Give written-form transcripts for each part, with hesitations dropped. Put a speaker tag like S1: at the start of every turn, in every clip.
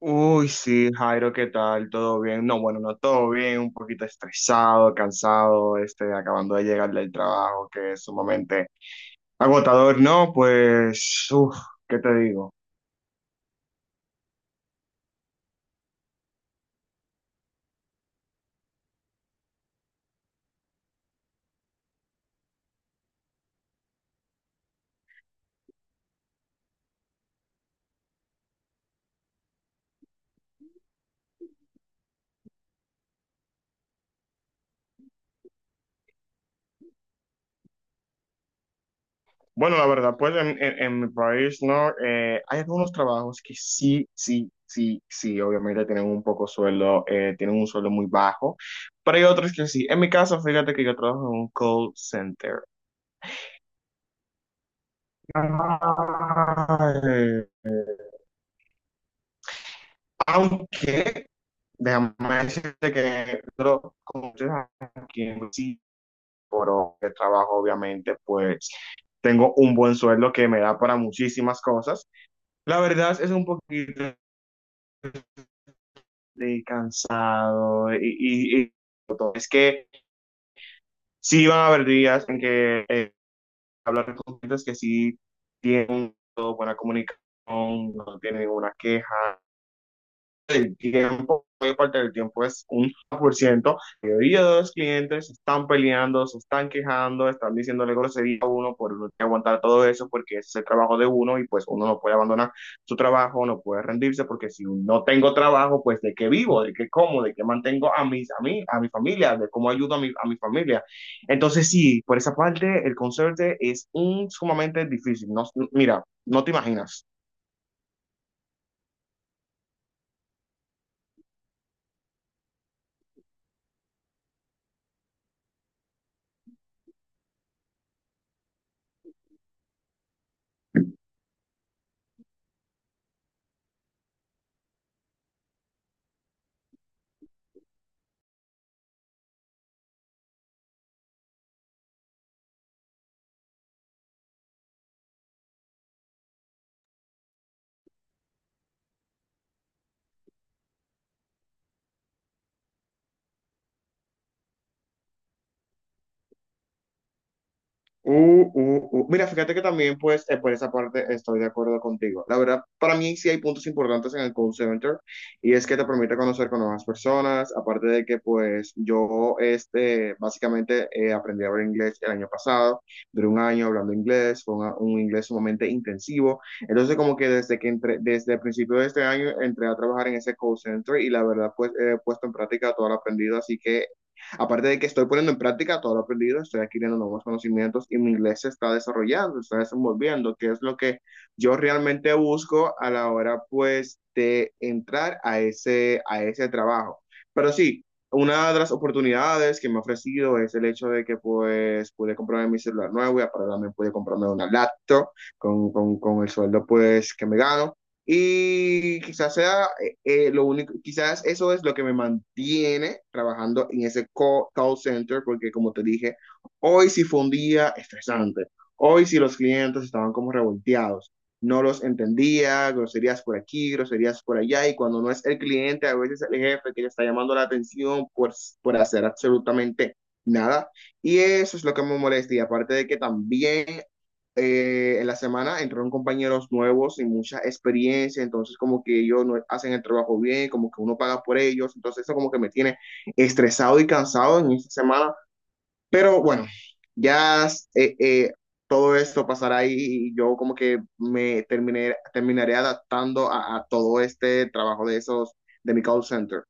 S1: Uy, sí, Jairo, ¿qué tal? ¿Todo bien? No, bueno, no todo bien, un poquito estresado, cansado, acabando de llegar del trabajo, que es sumamente agotador, ¿no? Pues, ¿qué te digo? Bueno, la verdad, pues en mi país, ¿no? Hay algunos trabajos que sí, obviamente tienen un poco sueldo, tienen un sueldo muy bajo, pero hay otros que sí. En mi caso, fíjate que yo trabajo en un call center. Ay, aunque déjame decirte que nosotros, como ustedes aquí en sí, por el trabajo, obviamente, pues tengo un buen sueldo que me da para muchísimas cosas. La verdad es un poquito de cansado y es que sí van a haber días en que hablar con clientes que sí tienen toda buena comunicación, no tienen ninguna queja, del tiempo, la parte del tiempo es un por ciento. La mayoría de los clientes están peleando, se están quejando, están diciéndole grosería a uno por uno tiene que aguantar todo eso porque ese es el trabajo de uno y pues uno no puede abandonar su trabajo, no puede rendirse porque si no tengo trabajo, pues de qué vivo, de qué como, de qué mantengo a mis a mí, a mi familia, de cómo ayudo a mi familia. Entonces sí, por esa parte el conserje es un sumamente difícil. No, mira, no te imaginas. Mira, fíjate que también, pues, por esa parte estoy de acuerdo contigo. La verdad, para mí sí hay puntos importantes en el call center y es que te permite conocer con nuevas personas, aparte de que, pues, yo, básicamente aprendí a hablar inglés el año pasado, duré un año hablando inglés, fue un inglés sumamente intensivo. Entonces, como que desde que entré, desde el principio de este año entré a trabajar en ese call center y la verdad, pues, he puesto en práctica todo lo aprendido, así que aparte de que estoy poniendo en práctica todo lo aprendido, estoy adquiriendo nuevos conocimientos y mi inglés se está desarrollando, se está desenvolviendo, que es lo que yo realmente busco a la hora, pues, de entrar a ese trabajo. Pero sí, una de las oportunidades que me ha ofrecido es el hecho de que pues pude comprarme mi celular nuevo y aparte también pude comprarme una laptop con el sueldo pues que me gano. Y quizás sea que lo único, quizás eso es lo que me mantiene trabajando en ese call center, porque como te dije, hoy sí fue un día estresante. Hoy sí los clientes estaban como revolteados. No los entendía, groserías por aquí, groserías por allá, y cuando no es el cliente, a veces el jefe que le está llamando la atención por hacer absolutamente nada. Y eso es lo que me molesta. Y aparte de que también en la semana entraron compañeros nuevos sin mucha experiencia, entonces como que ellos no hacen el trabajo bien, como que uno paga por ellos, entonces eso como que me tiene estresado y cansado en esta semana, pero bueno, ya eh, eh, todo esto pasará y yo como que terminaré adaptando a todo este trabajo de esos de mi call center.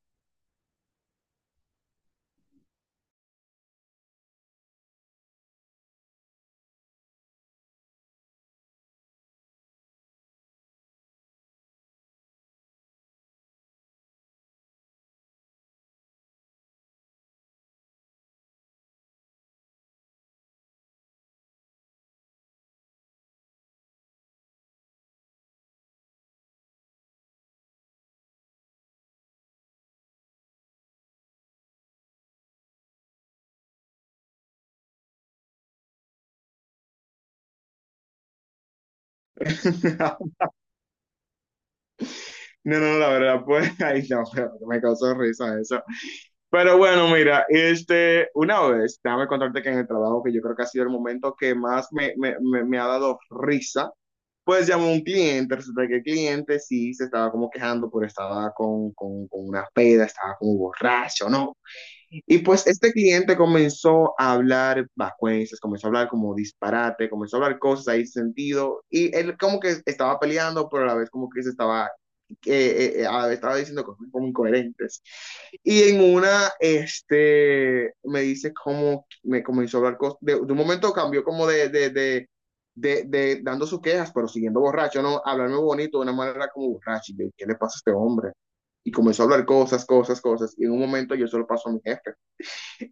S1: No, no, la verdad, pues, ahí no, pero me causó risa eso. Pero bueno, mira, una vez, déjame contarte que en el trabajo, que yo creo que ha sido el momento que más me ha dado risa, pues llamó un cliente, resulta que el cliente sí se estaba como quejando, porque estaba con una peda, estaba como borracho, ¿no? Y pues este cliente comenzó a hablar vacuencias, comenzó a hablar como disparate, comenzó a hablar cosas ahí sin sentido. Y él como que estaba peleando, pero a la vez como que se estaba, a la vez estaba diciendo cosas como incoherentes. Y en una, me dice cómo me comenzó a hablar cosas. De un momento cambió como de dando sus quejas, pero siguiendo borracho, ¿no? Hablarme bonito de una manera como borracho. Y yo, ¿qué le pasa a este hombre? Y comenzó a hablar cosas, cosas, cosas. Y en un momento yo solo paso a mi jefe.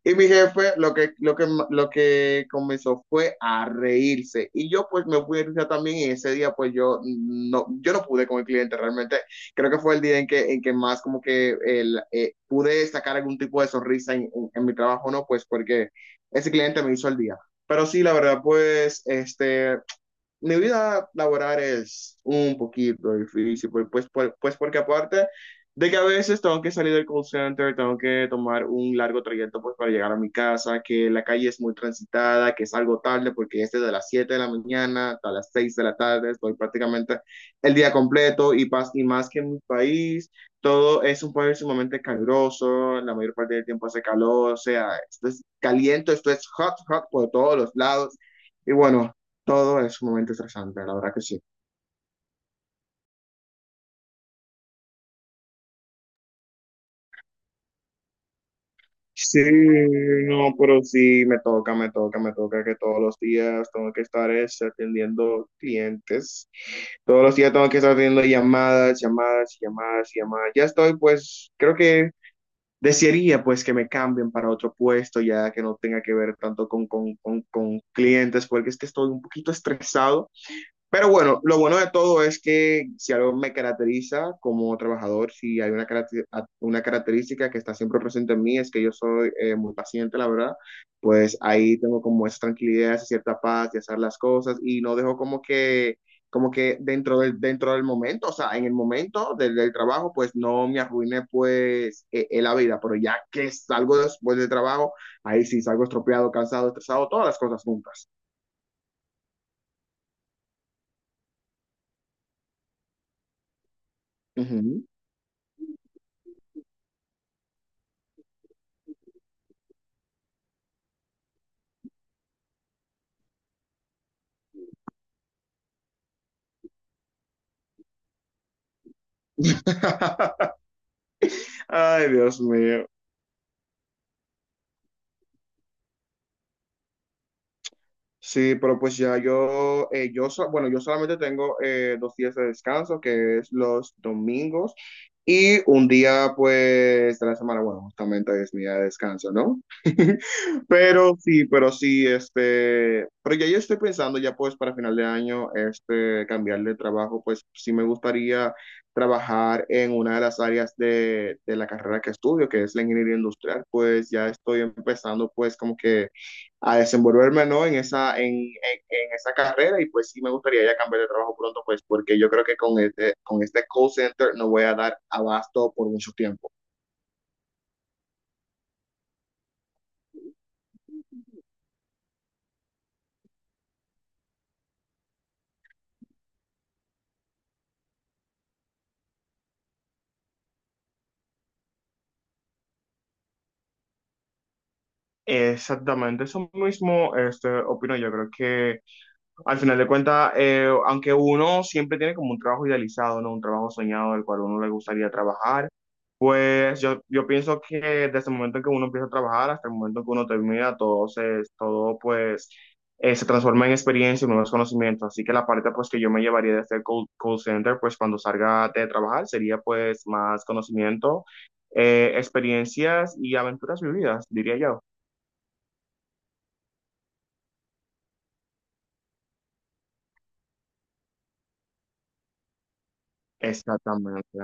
S1: Y mi jefe lo que comenzó fue a reírse. Y yo pues me fui a risa también y ese día pues yo no pude con el cliente realmente. Creo que fue el día en que más como que el, pude sacar algún tipo de sonrisa en mi trabajo, ¿no? Pues porque ese cliente me hizo el día. Pero sí, la verdad, pues, mi vida laboral es un poquito difícil, pues porque aparte de que a veces tengo que salir del call center, tengo que tomar un largo trayecto pues para llegar a mi casa, que la calle es muy transitada, que salgo tarde porque es desde las 7 de la mañana hasta las 6 de la tarde, estoy prácticamente el día completo y más que en mi país, todo es un país sumamente caluroso, la mayor parte del tiempo hace calor, o sea, esto es caliente, esto es hot, hot por todos los lados. Y bueno, todo es un momento estresante, la verdad que sí. Sí, no, pero sí, me toca que todos los días tengo que estar es, atendiendo clientes. Todos los días tengo que estar atendiendo llamadas. Ya estoy, pues, creo que desearía, pues, que me cambien para otro puesto, ya que no tenga que ver tanto con clientes, porque es que estoy un poquito estresado. Pero bueno, lo bueno de todo es que si algo me caracteriza como trabajador, si hay una, una característica que está siempre presente en mí, es que yo soy muy paciente, la verdad, pues ahí tengo como esa tranquilidad, esa cierta paz de hacer las cosas y no dejo como que dentro del momento, o sea, en el momento del trabajo, pues no me arruine pues la vida, pero ya que salgo después del trabajo, ahí sí salgo estropeado, cansado, estresado, todas las cosas juntas. Ujú. Ay, Dios mío. Sí, pero pues ya yo, bueno, yo solamente tengo dos días de descanso, que es los domingos, y un día pues de la semana, bueno, justamente es mi día de descanso, ¿no? Pero sí, pero ya yo estoy pensando ya pues para final de año, cambiar de trabajo, pues sí me gustaría trabajar en una de las áreas de la carrera que estudio, que es la ingeniería industrial, pues ya estoy empezando pues como que a desenvolverme, ¿no? En en esa carrera y pues sí me gustaría ya cambiar de trabajo pronto, pues porque yo creo que con con este call center no voy a dar abasto por mucho tiempo. Exactamente, eso mismo opino yo. Creo que al final de cuentas, aunque uno siempre tiene como un trabajo idealizado, ¿no? Un trabajo soñado del cual uno le gustaría trabajar, pues yo pienso que desde el momento en que uno empieza a trabajar hasta el momento en que uno termina, todo pues se transforma en experiencia y nuevos conocimientos. Así que la parte pues que yo me llevaría de este call center, pues cuando salga de trabajar, sería pues más conocimiento, experiencias y aventuras vividas, diría yo. Exactamente.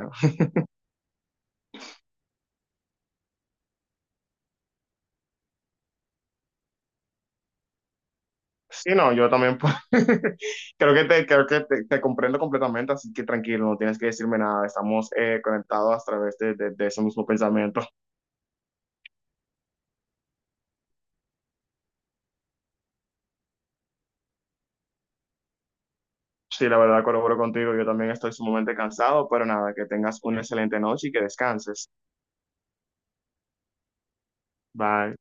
S1: Sí, no, yo también pues, creo te comprendo completamente, así que tranquilo, no tienes que decirme nada, estamos conectados a través de de ese mismo pensamiento. Sí, la verdad colaboro contigo. Yo también estoy sumamente cansado, pero nada, que tengas una excelente noche y que descanses. Bye.